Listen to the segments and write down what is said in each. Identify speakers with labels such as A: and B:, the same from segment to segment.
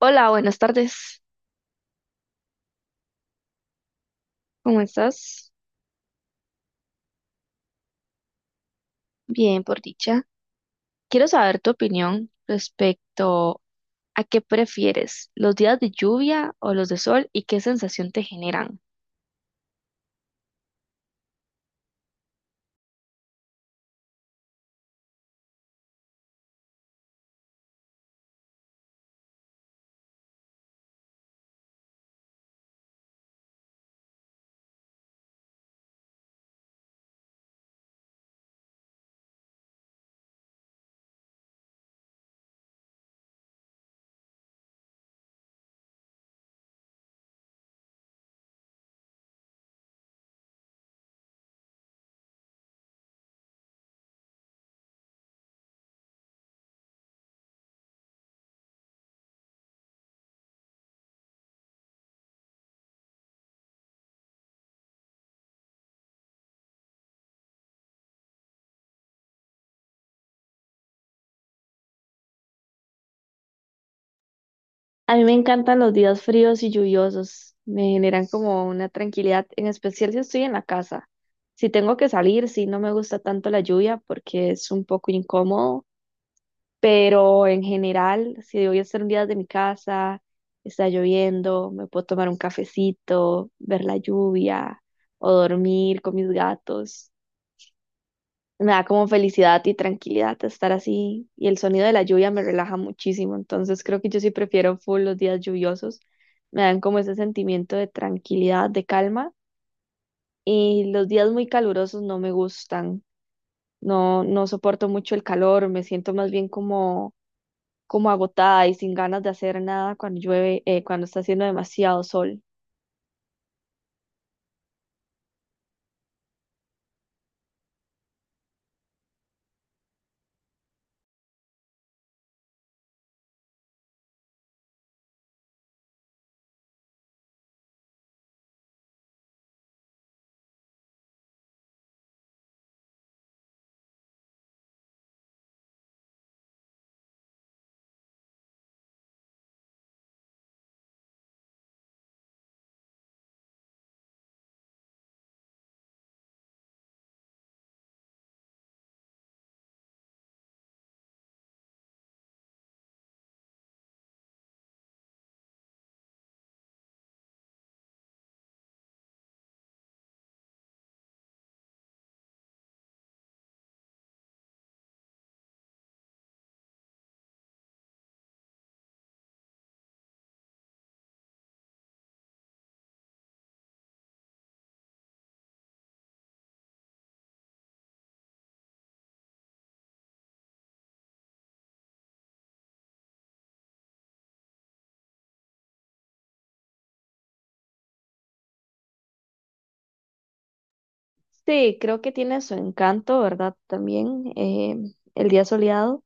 A: Hola, buenas tardes. ¿Cómo estás? Bien, por dicha. Quiero saber tu opinión respecto a qué prefieres, los días de lluvia o los de sol y qué sensación te generan. A mí me encantan los días fríos y lluviosos, me generan como una tranquilidad, en especial si estoy en la casa. Si tengo que salir, sí, no me gusta tanto la lluvia porque es un poco incómodo. Pero en general, si voy a estar un día desde mi casa, está lloviendo, me puedo tomar un cafecito, ver la lluvia o dormir con mis gatos. Me da como felicidad y tranquilidad estar así y el sonido de la lluvia me relaja muchísimo. Entonces creo que yo sí prefiero full los días lluviosos. Me dan como ese sentimiento de tranquilidad, de calma y los días muy calurosos no me gustan. No, no soporto mucho el calor, me siento más bien como agotada y sin ganas de hacer nada cuando llueve, cuando está haciendo demasiado sol. Sí, creo que tiene su encanto, ¿verdad? También, el día soleado,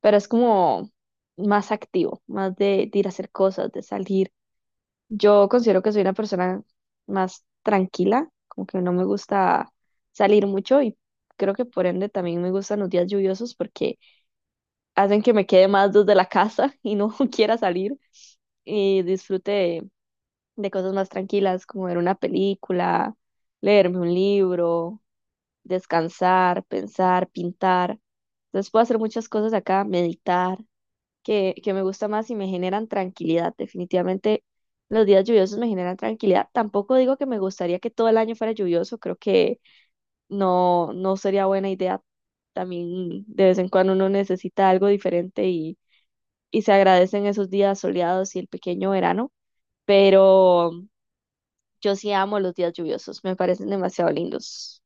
A: pero es como más activo, más de ir a hacer cosas, de salir. Yo considero que soy una persona más tranquila, como que no me gusta salir mucho y creo que por ende también me gustan los días lluviosos porque hacen que me quede más desde la casa y no quiera salir y disfrute de cosas más tranquilas, como ver una película, leerme un libro, descansar, pensar, pintar. Entonces puedo hacer muchas cosas acá, meditar, que me gusta más y me generan tranquilidad. Definitivamente los días lluviosos me generan tranquilidad. Tampoco digo que me gustaría que todo el año fuera lluvioso, creo que no, no sería buena idea. También de vez en cuando uno necesita algo diferente y se agradecen esos días soleados y el pequeño verano, pero yo sí amo los días lluviosos, me parecen demasiado lindos.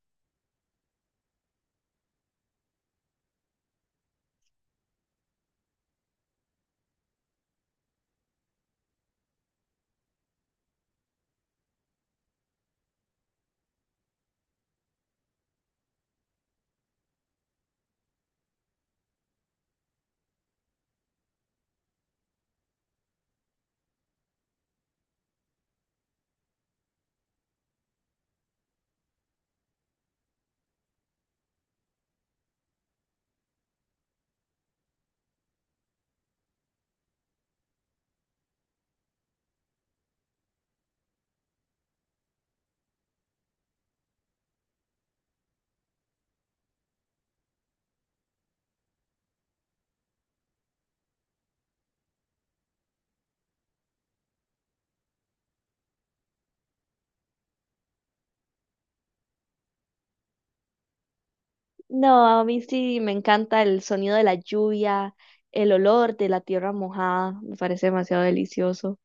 A: No, a mí sí me encanta el sonido de la lluvia, el olor de la tierra mojada, me parece demasiado delicioso.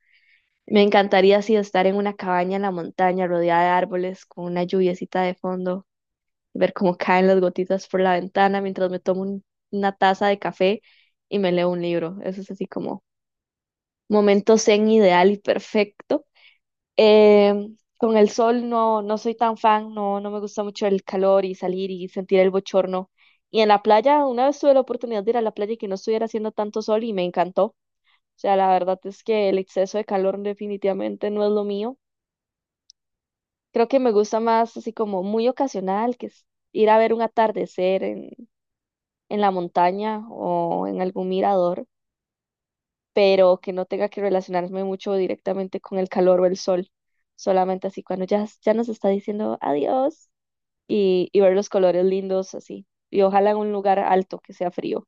A: Me encantaría así estar en una cabaña en la montaña rodeada de árboles con una lluviecita de fondo, ver cómo caen las gotitas por la ventana mientras me tomo una taza de café y me leo un libro. Eso es así como momento zen ideal y perfecto. Eh, con el sol no, no soy tan fan, no, no me gusta mucho el calor y salir y sentir el bochorno. Y en la playa, una vez tuve la oportunidad de ir a la playa y que no estuviera haciendo tanto sol y me encantó. O sea, la verdad es que el exceso de calor definitivamente no es lo mío. Creo que me gusta más así como muy ocasional, que es ir a ver un atardecer en la montaña o en algún mirador, pero que no tenga que relacionarme mucho directamente con el calor o el sol, solamente así cuando ya, ya nos está diciendo adiós, y ver los colores lindos así. Y ojalá en un lugar alto que sea frío.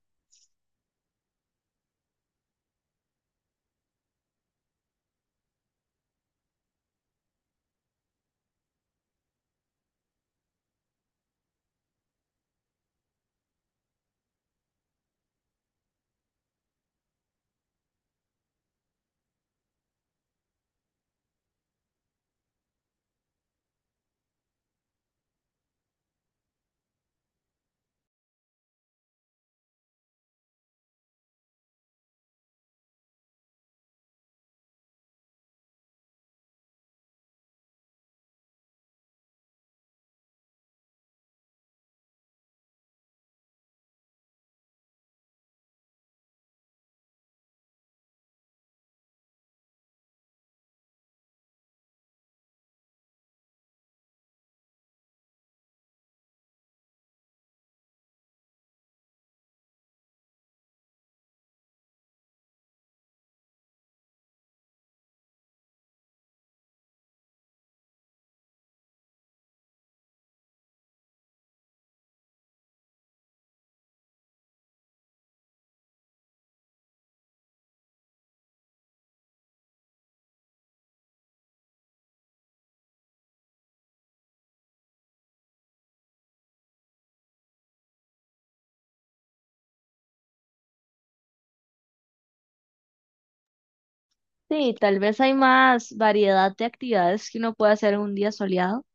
A: Sí, tal vez hay más variedad de actividades que uno puede hacer en un día soleado.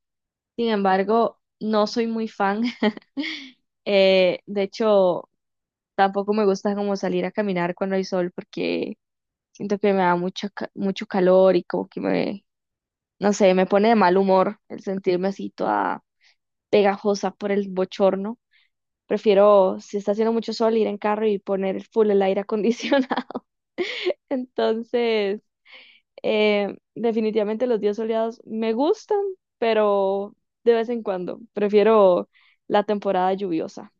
A: Sin embargo, no soy muy fan. De hecho, tampoco me gusta como salir a caminar cuando hay sol porque siento que me da mucho calor y como que no sé, me pone de mal humor el sentirme así toda pegajosa por el bochorno. Prefiero, si está haciendo mucho sol, ir en carro y poner full el aire acondicionado. Entonces, definitivamente los días soleados me gustan, pero de vez en cuando prefiero la temporada lluviosa.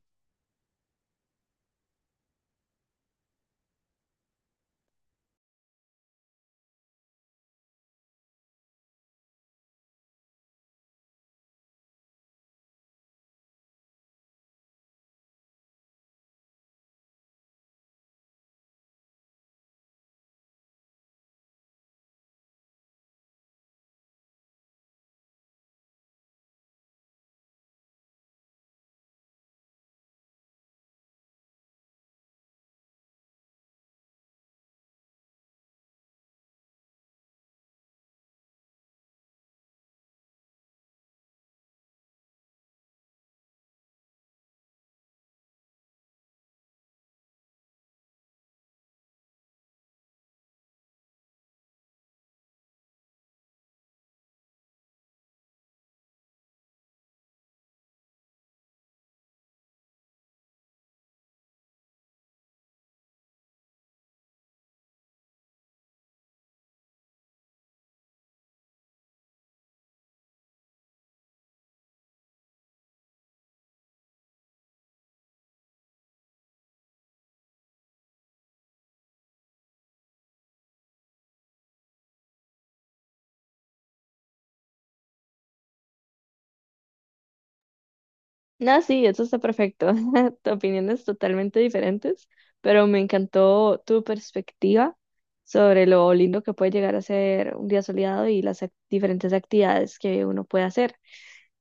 A: Ah, sí, eso está perfecto. Opiniones totalmente diferentes, pero me encantó tu perspectiva sobre lo lindo que puede llegar a ser un día soleado y las diferentes actividades que uno puede hacer.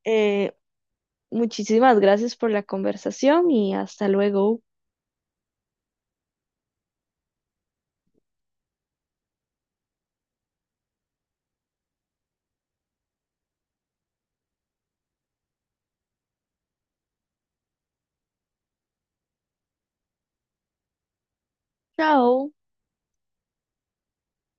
A: Eh, Muchísimas gracias por la conversación y hasta luego. Chao.